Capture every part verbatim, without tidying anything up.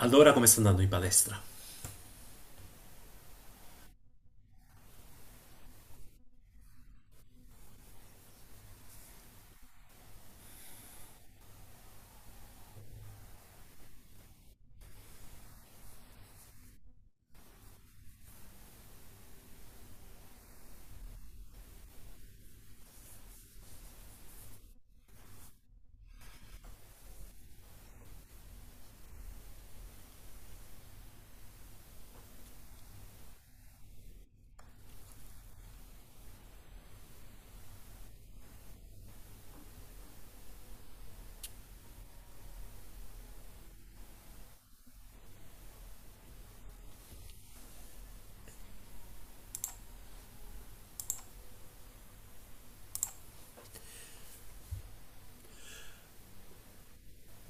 Allora come sta andando in palestra?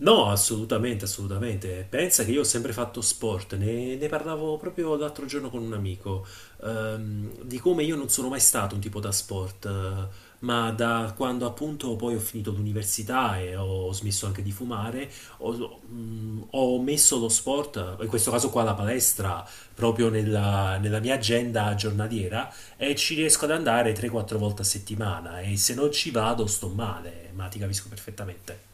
No, assolutamente, assolutamente. Pensa che io ho sempre fatto sport, ne, ne parlavo proprio l'altro giorno con un amico, ehm, di come io non sono mai stato un tipo da sport, eh, ma da quando appunto poi ho finito l'università e ho smesso anche di fumare, ho, mm, ho messo lo sport, in questo caso qua la palestra, proprio nella, nella mia agenda giornaliera e ci riesco ad andare tre quattro volte a settimana e se non ci vado sto male, ma ti capisco perfettamente.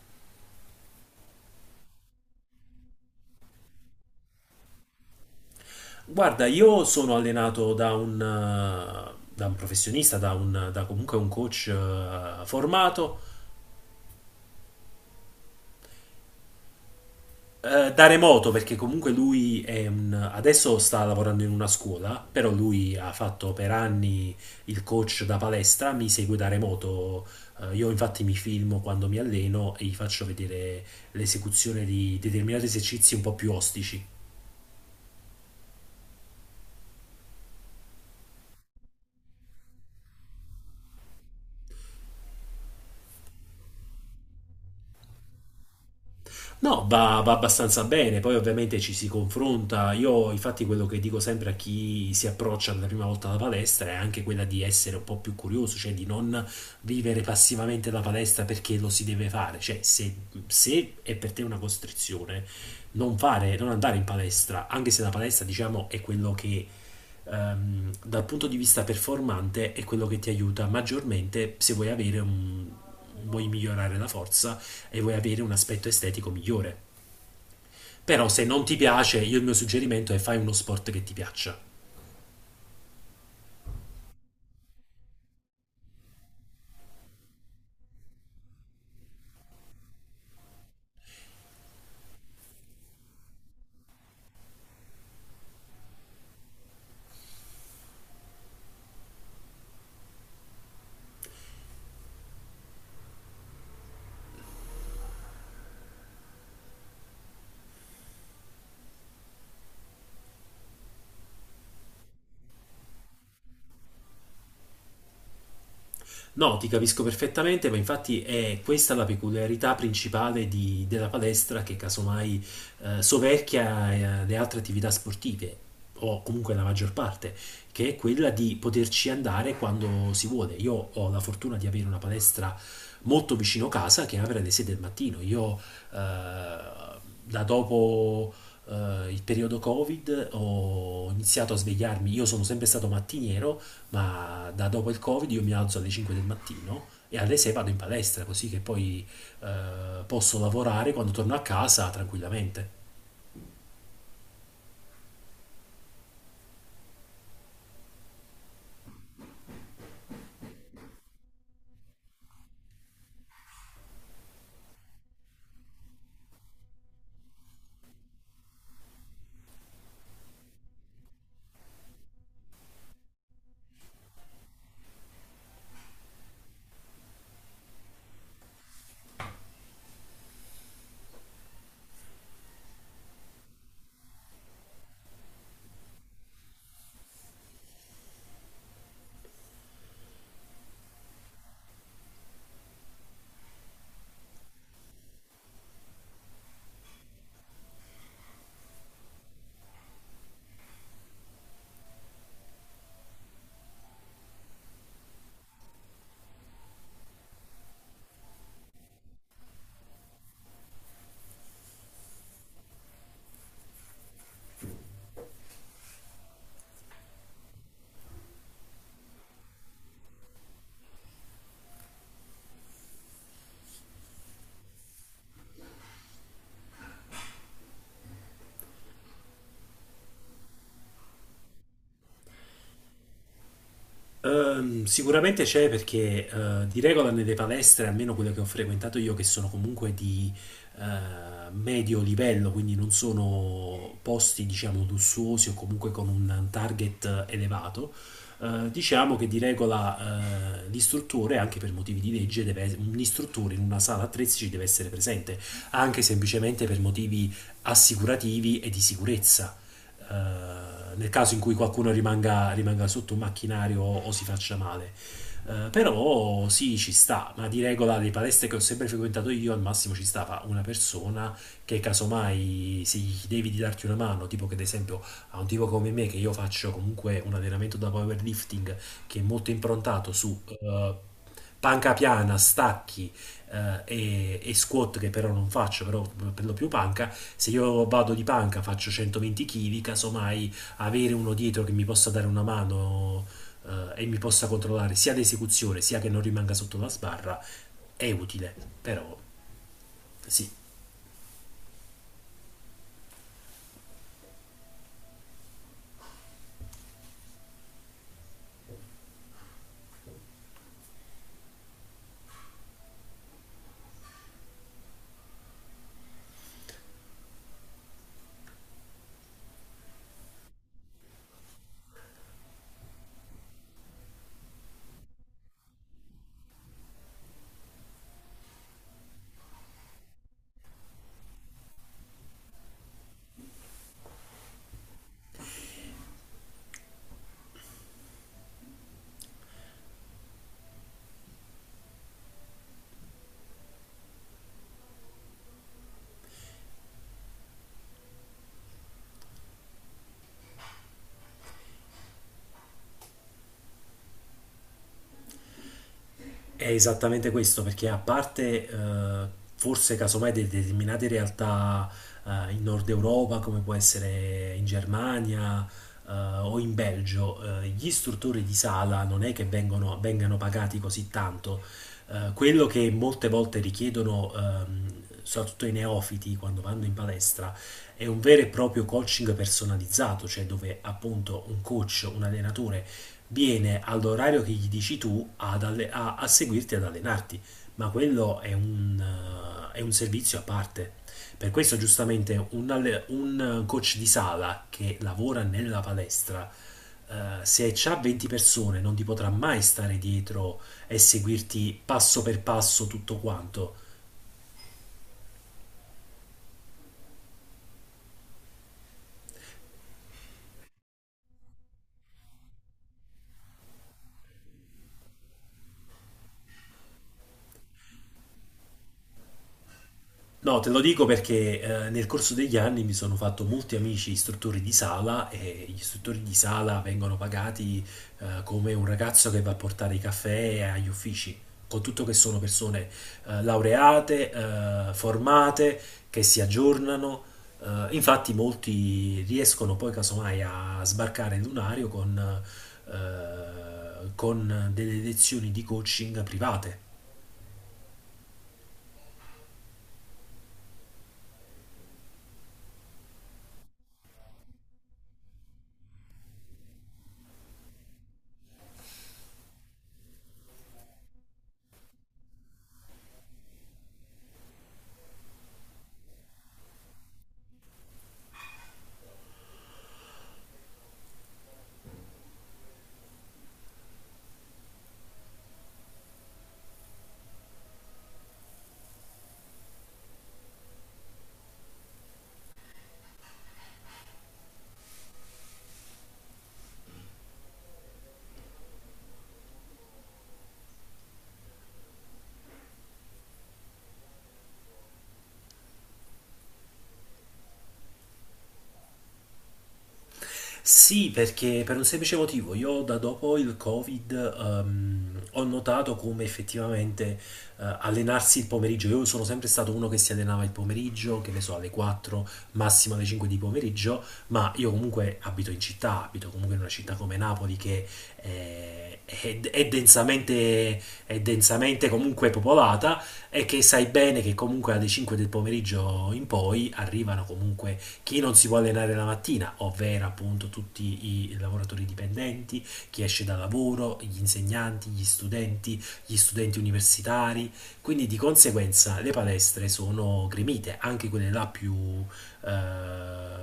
Guarda, io sono allenato da un, eh, da un professionista, da, un, da comunque un coach eh, formato, eh, da remoto, perché comunque lui è un, adesso sta lavorando in una scuola, però lui ha fatto per anni il coach da palestra, mi segue da remoto. Eh, io infatti mi filmo quando mi alleno e gli faccio vedere l'esecuzione di determinati esercizi un po' più ostici. No, va, va abbastanza bene, poi ovviamente ci si confronta. Io infatti quello che dico sempre a chi si approccia per la prima volta alla palestra è anche quella di essere un po' più curioso, cioè di non vivere passivamente la palestra perché lo si deve fare. Cioè, se, se è per te una costrizione, non fare, non andare in palestra, anche se la palestra, diciamo, è quello che ehm, dal punto di vista performante è quello che ti aiuta maggiormente se vuoi avere un, vuoi migliorare la forza e vuoi avere un aspetto estetico migliore. Però se non ti piace, io il mio suggerimento è fai uno sport che ti piaccia. No, ti capisco perfettamente, ma infatti è questa la peculiarità principale di- della palestra che casomai eh, soverchia eh, le altre attività sportive, o comunque la maggior parte, che è quella di poterci andare quando si vuole. Io ho la fortuna di avere una palestra molto vicino casa che apre alle sei del mattino. Io eh, da dopo eh, il periodo Covid ho iniziato a svegliarmi, io sono sempre stato mattiniero ma da dopo il Covid io mi alzo alle cinque del mattino e alle sei vado in palestra, così che poi eh, posso lavorare quando torno a casa tranquillamente. Ehm, sicuramente c'è perché eh, di regola nelle palestre, almeno quelle che ho frequentato io, che sono comunque di eh, medio livello, quindi non sono posti, diciamo, lussuosi o comunque con un target elevato, eh, diciamo che di regola eh, l'istruttore, anche per motivi di legge, deve es- un istruttore in una sala attrezzi ci deve essere presente, anche semplicemente per motivi assicurativi e di sicurezza eh, nel caso in cui qualcuno rimanga, rimanga sotto un macchinario o, o si faccia male. Eh, però sì, ci sta, ma di regola le palestre che ho sempre frequentato io al massimo ci stava una persona che casomai se gli devi di darti una mano, tipo che ad esempio a un tipo come me che io faccio comunque un allenamento da powerlifting che è molto improntato su eh, panca piana, stacchi, eh, e, e squat che però non faccio, però per lo più panca, se io vado di panca faccio centoventi chili, casomai avere uno dietro che mi possa dare una mano eh, e mi possa controllare sia l'esecuzione sia che non rimanga sotto la sbarra è utile, però sì, è esattamente questo, perché a parte eh, forse casomai de- determinate realtà eh, in Nord Europa, come può essere in Germania eh, o in Belgio, eh, gli istruttori di sala non è che vengono, vengano pagati così tanto. Eh, quello che molte volte richiedono, ehm, soprattutto i neofiti quando vanno in palestra, è un vero e proprio coaching personalizzato, cioè dove appunto un coach, un allenatore viene all'orario che gli dici tu ad alle- a, a seguirti ad allenarti, ma quello è un, eh, è un servizio a parte. Per questo giustamente un, alle- un coach di sala che lavora nella palestra, eh, se c'ha venti persone non ti potrà mai stare dietro e seguirti passo per passo tutto quanto. No, te lo dico perché eh, nel corso degli anni mi sono fatto molti amici istruttori di sala e gli istruttori di sala vengono pagati eh, come un ragazzo che va a portare i caffè agli uffici, con tutto che sono persone eh, laureate, eh, formate, che si aggiornano. Eh, infatti molti riescono poi casomai a sbarcare il lunario con, eh, con delle lezioni di coaching private. Sì, perché per un semplice motivo, io da dopo il Covid ehm, ho notato come effettivamente eh, allenarsi il pomeriggio, io sono sempre stato uno che si allenava il pomeriggio, che ne so, alle quattro, massimo alle cinque di pomeriggio, ma io comunque abito in città, abito comunque in una città come Napoli che eh, è, è densamente, è densamente comunque popolata e che sai bene che comunque alle cinque del pomeriggio in poi arrivano comunque chi non si può allenare la mattina, ovvero appunto tutti i lavoratori dipendenti, chi esce da lavoro, gli insegnanti, gli studenti, gli studenti universitari, quindi di conseguenza le palestre sono gremite, anche quelle là più, eh,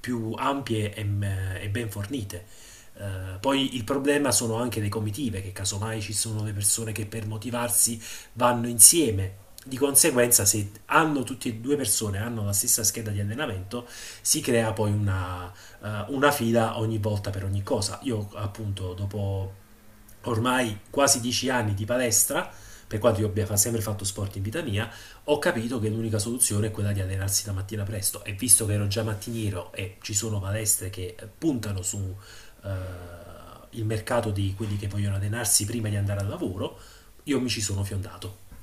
più ampie e, eh, e ben fornite. Eh, poi il problema sono anche le comitive, che casomai ci sono le persone che per motivarsi vanno insieme. Di conseguenza, se hanno tutte e due persone, hanno la stessa scheda di allenamento, si crea poi una, eh, una fila ogni volta per ogni cosa. Io appunto dopo ormai quasi dieci anni di palestra, per quanto io abbia fa- sempre fatto sport in vita mia, ho capito che l'unica soluzione è quella di allenarsi la mattina presto e visto che ero già mattiniero e ci sono palestre che puntano su eh, il mercato di quelli che vogliono allenarsi prima di andare al lavoro, io mi ci sono fiondato.